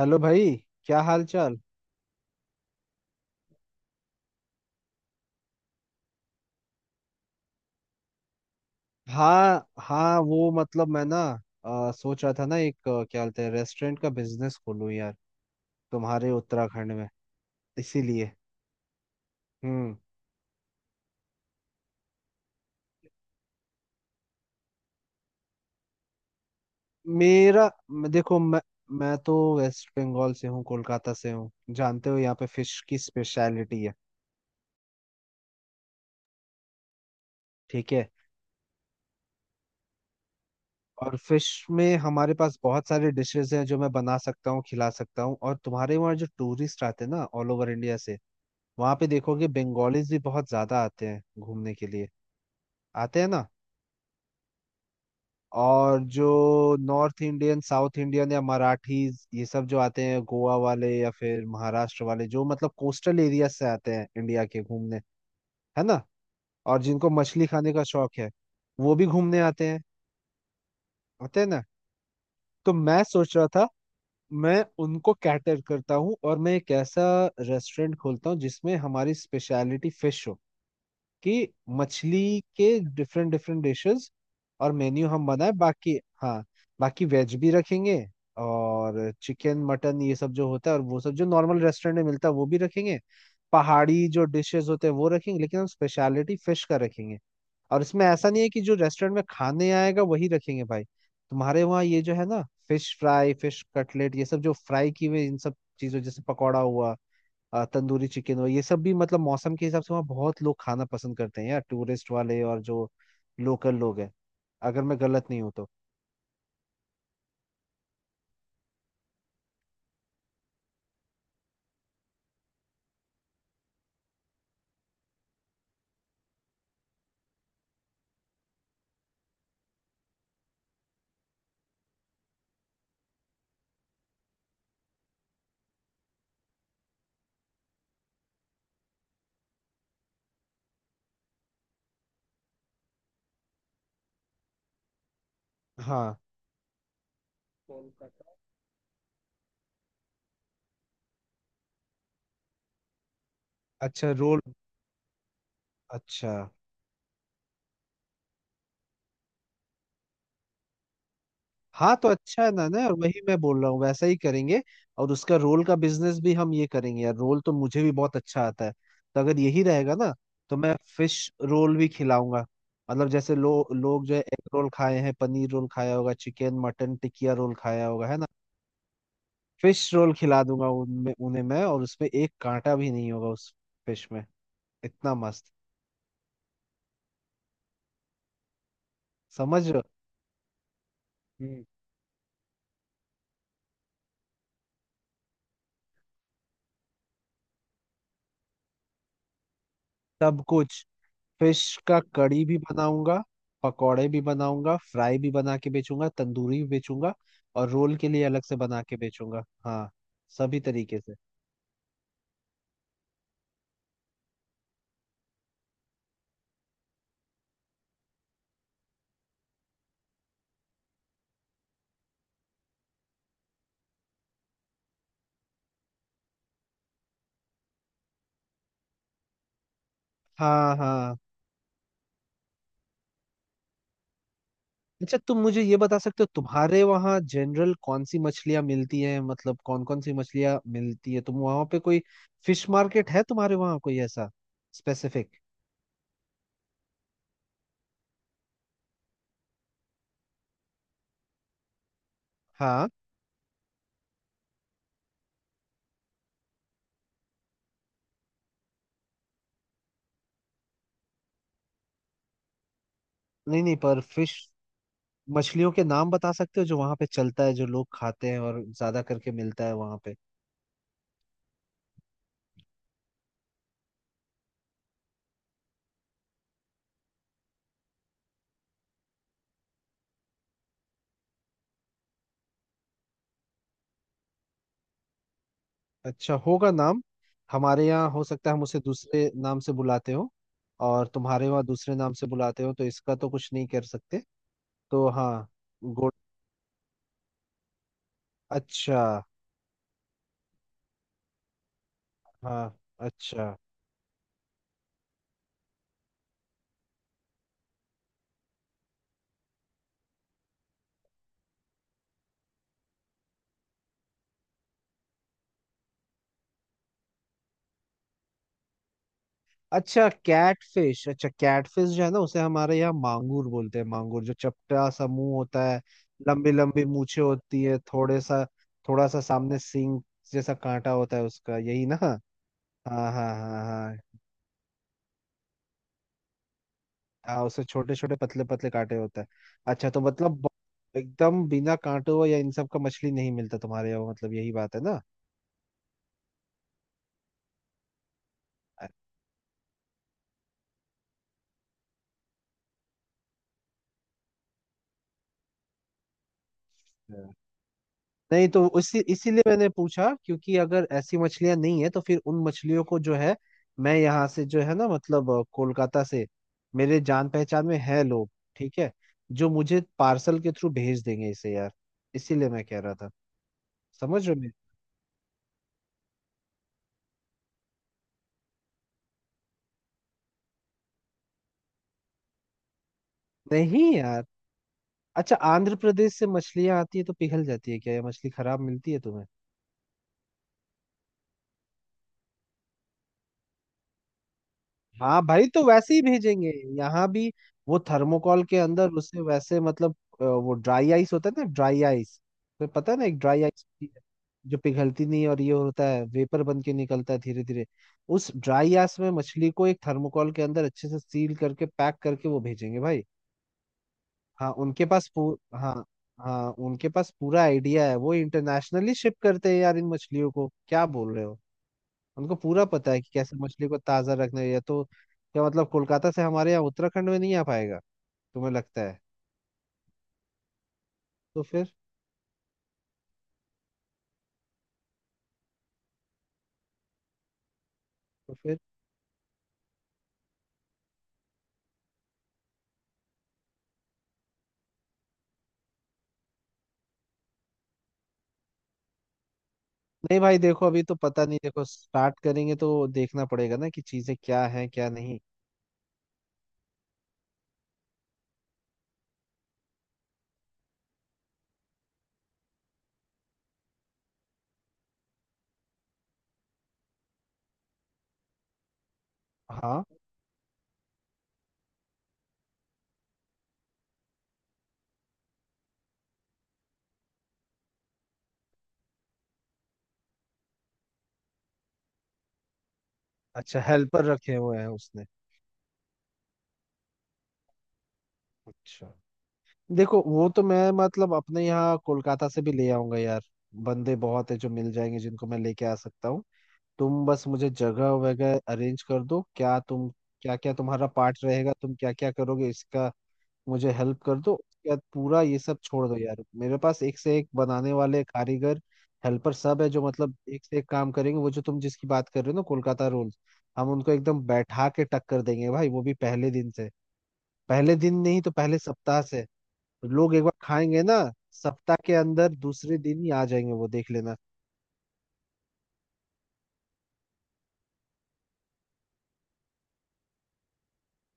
Hello भाई। क्या हाल चाल। हाँ हाँ, वो मतलब मैं ना सोच रहा था ना। एक क्या बोलते हैं, रेस्टोरेंट का बिजनेस खोलूं यार, तुम्हारे उत्तराखंड में। इसीलिए। हम्म। देखो, मैं तो वेस्ट बंगाल से हूँ, कोलकाता से हूँ। जानते हो, यहाँ पे फिश की स्पेशलिटी है। ठीक है। और फिश में हमारे पास बहुत सारे डिशेस हैं जो मैं बना सकता हूँ, खिला सकता हूँ। और तुम्हारे वहाँ जो टूरिस्ट आते हैं ना, ऑल ओवर इंडिया से, वहाँ पे देखोगे बंगालीज भी बहुत ज्यादा आते हैं घूमने के लिए। आते हैं ना। और जो नॉर्थ इंडियन, साउथ इंडियन या मराठीज, ये सब जो आते हैं, गोवा वाले या फिर महाराष्ट्र वाले, जो मतलब कोस्टल एरिया से आते हैं इंडिया के, घूमने, है ना। और जिनको मछली खाने का शौक है, वो भी घूमने आते हैं। आते हैं ना। तो मैं सोच रहा था, मैं उनको कैटर करता हूँ और मैं एक ऐसा रेस्टोरेंट खोलता हूँ जिसमें हमारी स्पेशलिटी फिश हो। कि मछली के डिफरेंट डिफरेंट डिशेस और मेन्यू हम बनाए। बाकी, हाँ, बाकी वेज भी रखेंगे और चिकन मटन, ये सब जो होता है, और वो सब जो नॉर्मल रेस्टोरेंट में मिलता है वो भी रखेंगे। पहाड़ी जो डिशेस होते हैं वो रखेंगे, लेकिन हम स्पेशलिटी फिश का रखेंगे। और इसमें ऐसा नहीं है कि जो रेस्टोरेंट में खाने आएगा वही रखेंगे। भाई तुम्हारे वहाँ ये जो है ना, फिश फ्राई, फिश कटलेट, ये सब जो फ्राई की हुई इन सब चीजों, जैसे पकौड़ा हुआ, तंदूरी चिकन हो, ये सब भी मतलब मौसम के हिसाब से वहाँ बहुत लोग खाना पसंद करते हैं यार, टूरिस्ट वाले और जो लोकल लोग हैं, अगर मैं गलत नहीं हूँ तो। हाँ। कोलकाता। अच्छा, रोल। अच्छा। हाँ, तो अच्छा है ना। ना, और वही मैं बोल रहा हूँ, वैसा ही करेंगे। और उसका रोल का बिजनेस भी हम ये करेंगे यार, रोल तो मुझे भी बहुत अच्छा आता है। तो अगर यही रहेगा ना, तो मैं फिश रोल भी खिलाऊंगा। मतलब जैसे लोग जो है, एग रोल खाए हैं, पनीर रोल खाया होगा, चिकन मटन टिकिया रोल खाया होगा, है ना। फिश रोल खिला दूंगा उनमें, उन्हें मैं, और उसमें एक कांटा भी नहीं होगा उस फिश में। इतना मस्त। समझ रहे हो। हम्म। सब कुछ। फिश का कड़ी भी बनाऊंगा, पकौड़े भी बनाऊंगा, फ्राई भी बना के बेचूंगा, तंदूरी भी बेचूंगा, और रोल के लिए अलग से बना के बेचूंगा। हाँ, सभी तरीके से। हाँ हाँ। अच्छा, तुम मुझे ये बता सकते हो, तुम्हारे वहाँ जनरल कौन सी मछलियाँ मिलती हैं, मतलब कौन कौन सी मछलियाँ मिलती है। तुम वहाँ पे कोई फिश मार्केट है तुम्हारे वहाँ, कोई ऐसा स्पेसिफिक। हाँ। नहीं नहीं, पर फिश मछलियों के नाम बता सकते हो जो वहां पे चलता है, जो लोग खाते हैं और ज्यादा करके मिलता है वहां पे। अच्छा होगा नाम। हमारे यहाँ हो सकता है हम उसे दूसरे नाम से बुलाते हो, और तुम्हारे वहाँ दूसरे नाम से बुलाते हो, तो इसका तो कुछ नहीं कर सकते। तो हाँ। गुड। अच्छा। हाँ, अच्छा। अच्छा कैटफिश। अच्छा, कैटफिश जो है ना, उसे हमारे यहाँ मांगूर बोलते हैं। मांगूर जो चपटा सा मुंह होता है, लंबी लंबी मूछें होती है, थोड़े सा, थोड़ा सा सामने सींग जैसा कांटा होता है उसका। यही ना। हाँ हाँ हाँ। हाँ, हाँ उसे छोटे छोटे पतले पतले कांटे होता है। अच्छा, तो एकदम बिना कांटों या इन सब का मछली नहीं मिलता तुम्हारे यहाँ, मतलब यही बात है ना। अच्छा। नहीं, तो उसी इसीलिए मैंने पूछा, क्योंकि अगर ऐसी मछलियां नहीं है तो फिर उन मछलियों को जो है, मैं यहाँ से जो है ना, मतलब कोलकाता से, मेरे जान पहचान में है लोग, ठीक है, जो मुझे पार्सल के थ्रू भेज देंगे इसे यार। इसीलिए मैं कह रहा था। समझ रहे हो। मेरी नहीं यार। अच्छा, आंध्र प्रदेश से मछलियां आती है तो पिघल जाती है क्या? ये मछली खराब मिलती है तुम्हें? हाँ भाई, तो वैसे ही भेजेंगे यहाँ भी। वो थर्मोकॉल के अंदर उसे वैसे, मतलब वो ड्राई आइस होता है ना, ड्राई आइस। तो पता है ना, एक ड्राई आइस होती है जो पिघलती नहीं, और ये होता है, वेपर बन के निकलता है धीरे धीरे। उस ड्राई आइस में मछली को एक थर्मोकॉल के अंदर अच्छे से सील करके, पैक करके वो भेजेंगे भाई। हाँ उनके पास पू, हाँ। हाँ उनके पास पूरा आइडिया है, वो इंटरनेशनली शिप करते हैं यार इन मछलियों को, क्या बोल रहे हो। उनको पूरा पता है कि कैसे मछली को ताजा रखना है। या तो क्या मतलब कोलकाता से हमारे यहाँ उत्तराखंड में नहीं आ पाएगा, तुम्हें लगता है? तो फिर? तो फिर? नहीं भाई, देखो अभी तो पता नहीं, देखो स्टार्ट करेंगे तो देखना पड़ेगा ना कि चीजें क्या हैं क्या नहीं। हाँ। अच्छा, हेल्पर रखे हुए हैं उसने। अच्छा, देखो वो तो मैं मतलब अपने यहाँ कोलकाता से भी ले आऊंगा यार। बंदे बहुत है जो मिल जाएंगे, जिनको मैं लेके आ सकता हूँ। तुम बस मुझे जगह वगैरह अरेंज कर दो। क्या तुम, क्या क्या तुम्हारा पार्ट रहेगा, तुम क्या क्या करोगे इसका, मुझे हेल्प कर दो, उसके बाद पूरा ये सब छोड़ दो यार। मेरे पास एक से एक बनाने वाले कारीगर, हेल्पर सब है जो मतलब एक से एक काम करेंगे। वो जो तुम जिसकी बात कर रहे हो ना, कोलकाता रोल्स, हम उनको एकदम बैठा के टक्कर देंगे भाई, वो भी पहले दिन से। पहले दिन नहीं तो पहले सप्ताह से। लोग एक बार खाएंगे ना, सप्ताह के अंदर दूसरे दिन ही आ जाएंगे, वो देख लेना।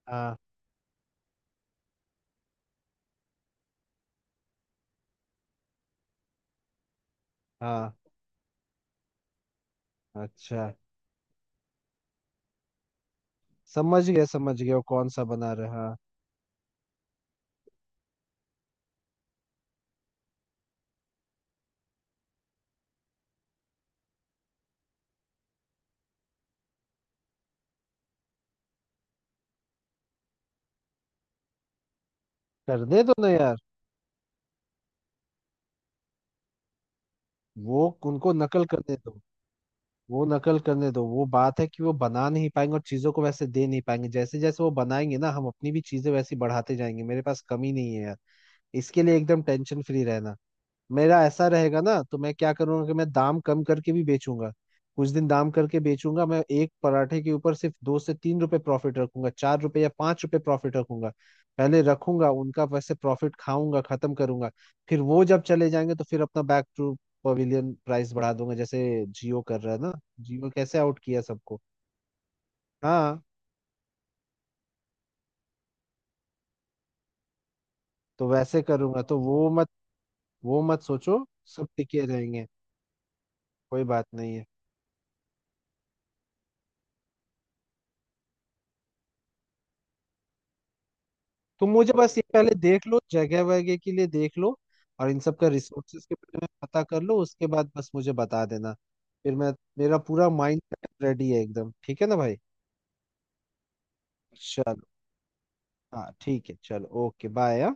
हाँ हाँ। अच्छा, समझ गया समझ गया, वो कौन सा बना रहा। हाँ, कर दे दो ना यार, वो उनको नकल करने दो। वो नकल करने दो। वो बात है कि वो बना नहीं पाएंगे और चीजों को वैसे दे नहीं पाएंगे जैसे। जैसे वो बनाएंगे ना, हम अपनी भी चीजें वैसी बढ़ाते जाएंगे, मेरे पास कमी नहीं है यार। इसके लिए एकदम टेंशन फ्री रहना। मेरा ऐसा रहेगा ना, तो मैं क्या करूंगा कि मैं दाम कम करके भी बेचूंगा। कुछ दिन दाम करके बेचूंगा, मैं एक पराठे के ऊपर सिर्फ 2 से 3 रुपए प्रॉफिट रखूंगा, 4 रुपए या 5 रुपए प्रॉफिट रखूंगा। पहले रखूंगा, उनका वैसे प्रॉफिट खाऊंगा, खत्म करूंगा, फिर वो जब चले जाएंगे तो फिर अपना बैक टू पवेलियन प्राइस बढ़ा दूंगा, जैसे जियो कर रहा है ना। जियो कैसे आउट किया सबको। हाँ, तो वैसे करूंगा, तो वो मत सोचो, सब टिके रहेंगे, कोई बात नहीं है। तुम मुझे बस ये पहले देख लो, जगह वगैरह के लिए देख लो, और इन सब का रिसोर्सेज के बारे में पता कर लो, उसके बाद बस मुझे बता देना। फिर मैं, मेरा पूरा माइंड रेडी है एकदम। ठीक है ना भाई, चलो। हाँ ठीक है, चलो, ओके बाय।